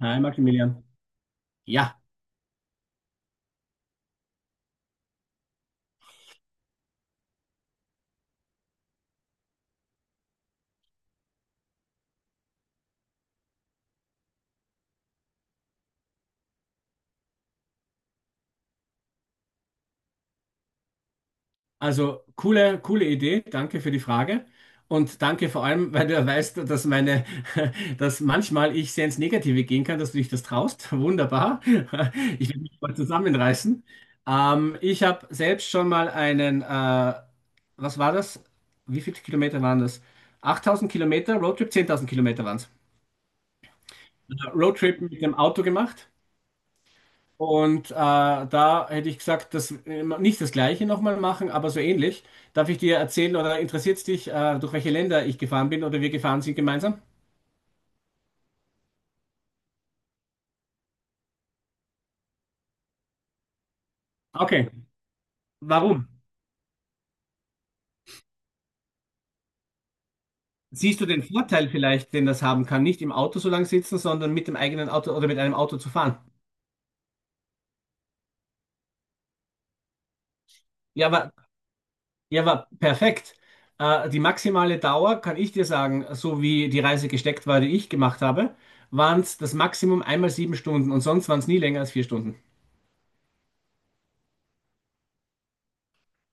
Hi Maximilian. Ja, also coole Idee. Danke für die Frage. Und danke vor allem, weil du ja weißt, dass manchmal ich sehr ins Negative gehen kann, dass du dich das traust. Wunderbar. Ich werde mich mal zusammenreißen. Ich habe selbst schon mal was war das? Wie viele Kilometer waren das? 8.000 Kilometer Roadtrip, 10.000 Kilometer waren es. Roadtrip mit dem Auto gemacht. Und da hätte ich gesagt, dass nicht das Gleiche nochmal machen, aber so ähnlich. Darf ich dir erzählen oder interessiert es dich, durch welche Länder ich gefahren bin oder wir gefahren sind gemeinsam? Okay, warum? Siehst du den Vorteil vielleicht, den das haben kann, nicht im Auto so lang sitzen, sondern mit dem eigenen Auto oder mit einem Auto zu fahren? Ja, aber, ja, aber perfekt. Die maximale Dauer, kann ich dir sagen, so wie die Reise gesteckt war, die ich gemacht habe, waren es das Maximum einmal sieben Stunden und sonst waren es nie länger als vier Stunden.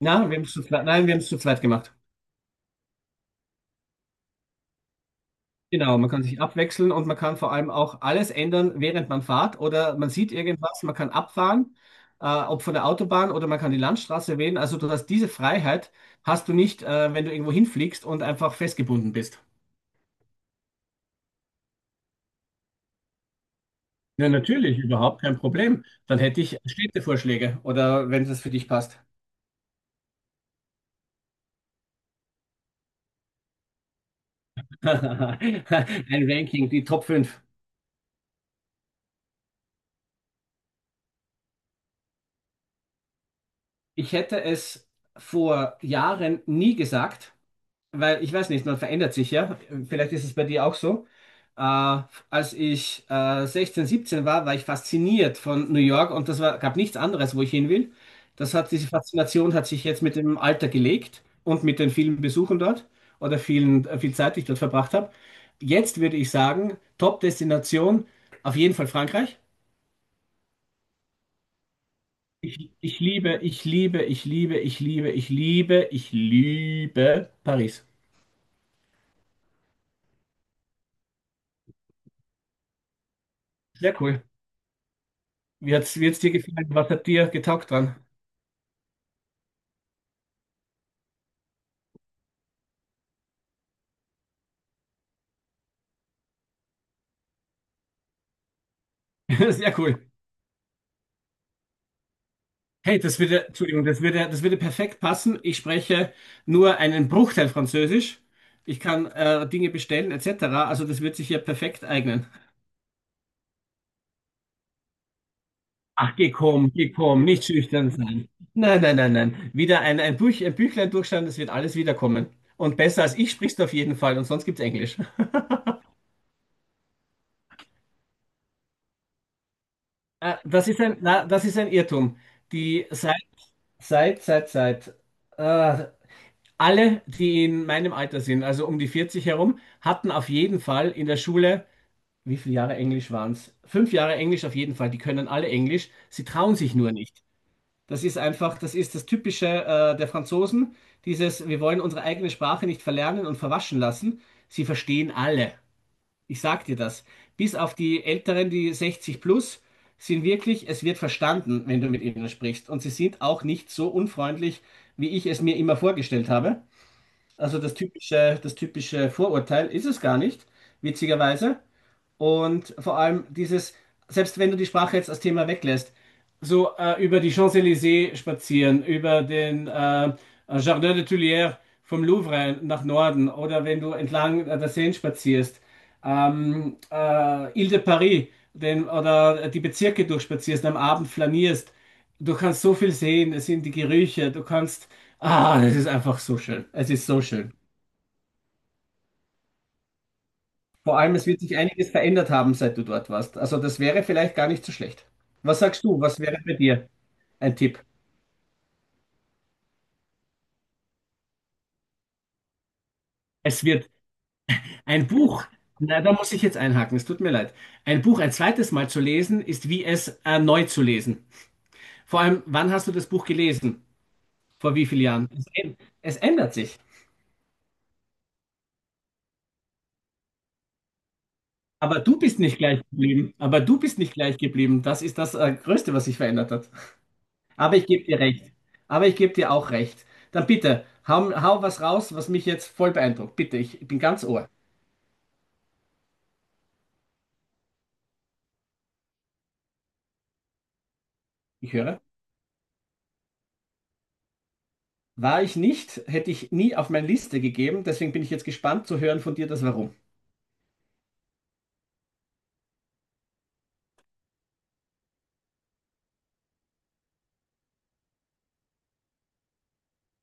Na, wir haben es zu zweit, nein, wir haben es zu zweit gemacht. Genau, man kann sich abwechseln und man kann vor allem auch alles ändern, während man fährt oder man sieht irgendwas, man kann abfahren, ob von der Autobahn oder man kann die Landstraße wählen. Also du hast diese Freiheit, hast du nicht, wenn du irgendwo hinfliegst und einfach festgebunden bist. Ja, natürlich, überhaupt kein Problem. Dann hätte ich Städtevorschläge oder wenn es für dich passt. Ein Ranking, die Top fünf. Ich hätte es vor Jahren nie gesagt, weil ich weiß nicht, man verändert sich ja. Vielleicht ist es bei dir auch so. Äh, als ich 16, 17 war, war ich fasziniert von New York und das war, gab nichts anderes, wo ich hin will. Das hat, diese Faszination hat sich jetzt mit dem Alter gelegt und mit den vielen Besuchen dort oder viel Zeit, die ich dort verbracht habe. Jetzt würde ich sagen, Top-Destination auf jeden Fall Frankreich. Ich liebe, ich liebe, ich liebe, ich liebe, ich liebe, ich liebe Paris. Sehr cool. Wie wie dir gefallen? Was hat dir getaugt dran? Sehr cool. Hey, Entschuldigung, das würde perfekt passen. Ich spreche nur einen Bruchteil Französisch. Ich kann Dinge bestellen, etc. Also das wird sich hier perfekt eignen. Ach, geh komm, nicht schüchtern sein. Nein, nein, nein, nein. Wieder ein Buch, ein Büchlein durchschauen, das wird alles wiederkommen. Und besser als ich sprichst du auf jeden Fall und sonst gibt's Englisch. Das ist das ist ein Irrtum. Die seit, seit, seit, seit äh, Alle, die in meinem Alter sind, also um die 40 herum, hatten auf jeden Fall in der Schule, wie viele Jahre Englisch waren es? 5 Jahre Englisch auf jeden Fall, die können alle Englisch, sie trauen sich nur nicht. Das ist das Typische der Franzosen, dieses, wir wollen unsere eigene Sprache nicht verlernen und verwaschen lassen. Sie verstehen alle. Ich sag dir das. Bis auf die Älteren, die 60 plus, sind wirklich, es wird verstanden, wenn du mit ihnen sprichst. Und sie sind auch nicht so unfreundlich, wie ich es mir immer vorgestellt habe. Also das typische Vorurteil ist es gar nicht, witzigerweise. Und vor allem dieses, selbst wenn du die Sprache jetzt als Thema weglässt, über die Champs-Élysées spazieren, über den Jardin des Tuileries vom Louvre nach Norden oder wenn du entlang der Seine spazierst, Ile de Paris oder die Bezirke durchspazierst, am Abend flanierst. Du kannst so viel sehen, es sind die Gerüche, du kannst... Ah, es ist einfach so schön. Es ist so schön. Vor allem, es wird sich einiges verändert haben, seit du dort warst. Also das wäre vielleicht gar nicht so schlecht. Was sagst du? Was wäre bei dir ein Tipp? Es wird ein Buch, na, Da muss ich jetzt einhaken, es tut mir leid. Ein Buch ein zweites Mal zu lesen, ist wie es neu zu lesen. Vor allem, wann hast du das Buch gelesen? Vor wie vielen Jahren? Es ändert sich. Aber du bist nicht gleich geblieben. Aber du bist nicht gleich geblieben. Das ist das Größte, was sich verändert hat. Aber ich gebe dir recht. Aber ich gebe dir auch recht. Dann bitte, hau, hau was raus, was mich jetzt voll beeindruckt. Bitte, ich bin ganz Ohr. Ich höre. War ich nicht, hätte ich nie auf meine Liste gegeben. Deswegen bin ich jetzt gespannt zu hören von dir das Warum.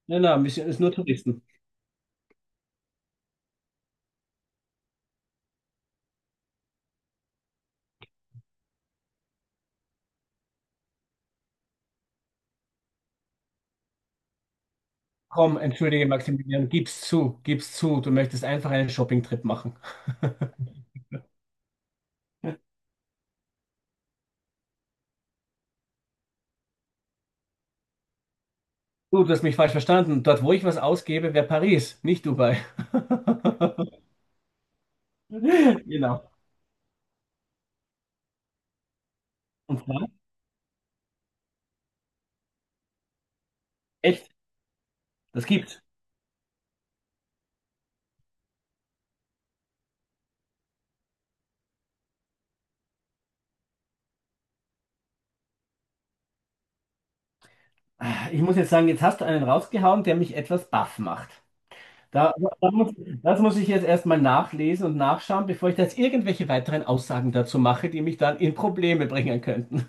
Nein, nein, wir sind es nur Touristen. Komm, entschuldige Maximilian, gib's zu, gib's zu. Du möchtest einfach einen Shopping-Trip machen. Du hast mich falsch verstanden. Dort, wo ich was ausgebe, wäre Paris, nicht Dubai. Genau. Und zwar? Echt? Das gibt's. Ich muss jetzt sagen, jetzt hast du einen rausgehauen, der mich etwas baff macht. Da, da muss, das muss ich jetzt erstmal nachlesen und nachschauen, bevor ich da jetzt irgendwelche weiteren Aussagen dazu mache, die mich dann in Probleme bringen könnten.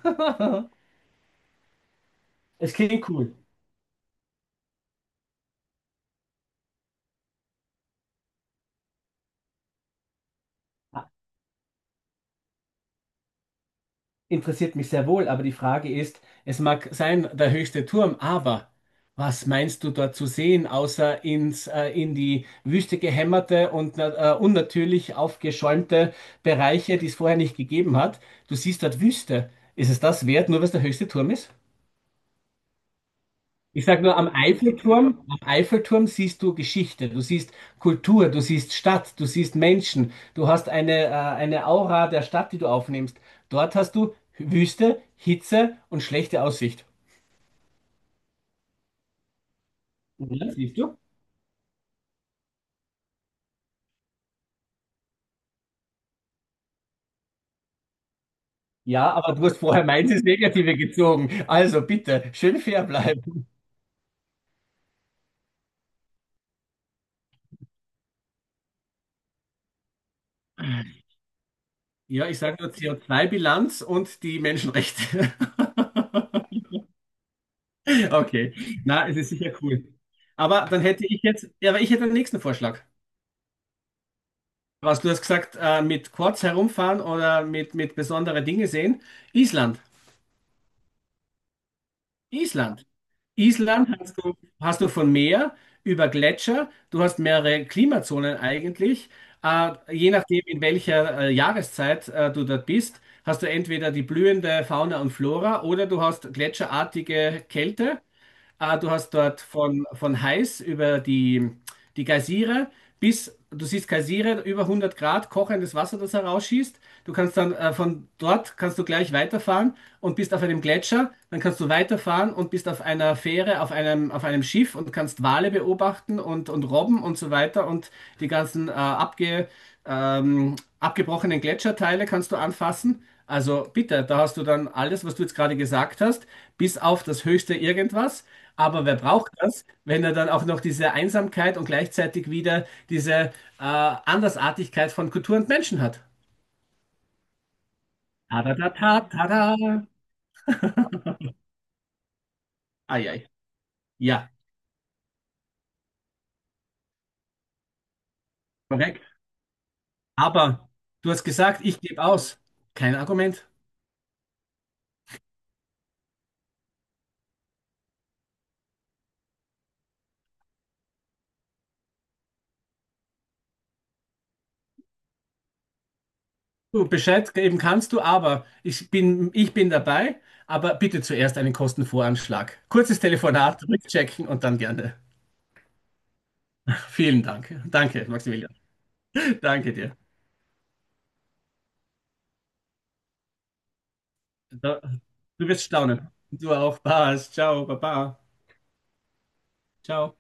Es klingt cool. Interessiert mich sehr wohl, aber die Frage ist, es mag sein, der höchste Turm, aber was meinst du dort zu sehen, außer in die Wüste gehämmerte und unnatürlich aufgeschäumte Bereiche, die es vorher nicht gegeben hat? Du siehst dort Wüste. Ist es das wert, nur weil es der höchste Turm ist? Ich sage nur, am Eiffelturm siehst du Geschichte, du siehst Kultur, du siehst Stadt, du siehst Menschen, du hast eine Aura der Stadt, die du aufnimmst. Dort hast du Wüste, Hitze und schlechte Aussicht. Ja, siehst du? Ja, aber du hast vorher meins ins Negative gezogen. Also bitte, schön fair bleiben. Ja, ich sage nur CO2-Bilanz und die Menschenrechte. Okay, na, es ist sicher cool. Aber dann hätte ich jetzt, ja, aber ich hätte den nächsten Vorschlag. Was du hast gesagt, mit Quads herumfahren oder mit besondere Dinge sehen. Island. Island. Island hast du von Meer über Gletscher. Du hast mehrere Klimazonen eigentlich. Je nachdem, in welcher Jahreszeit du dort bist, hast du entweder die blühende Fauna und Flora oder du hast gletscherartige Kälte. Du hast dort von heiß über die Geysire bis, du siehst Geysire, über 100 Grad kochendes Wasser, das herausschießt. Du kannst dann von dort kannst du gleich weiterfahren und bist auf einem Gletscher. Dann kannst du weiterfahren und bist auf einer Fähre, auf einem Schiff und kannst Wale beobachten und Robben und so weiter und die ganzen abgebrochenen Gletscherteile kannst du anfassen. Also bitte, da hast du dann alles, was du jetzt gerade gesagt hast, bis auf das höchste Irgendwas. Aber wer braucht das, wenn er dann auch noch diese Einsamkeit und gleichzeitig wieder diese Andersartigkeit von Kultur und Menschen hat? Tadadata, tada. Ai, ai. Ja, korrekt. Aber du hast gesagt, ich gebe aus. Kein Argument. Du Bescheid geben kannst du, aber ich bin dabei, aber bitte zuerst einen Kostenvoranschlag. Kurzes Telefonat, rückchecken und dann gerne. Vielen Dank. Danke, Maximilian. Danke dir. Da- Du wirst staunen. Du auch. Passt. Ciao, Baba. Ciao.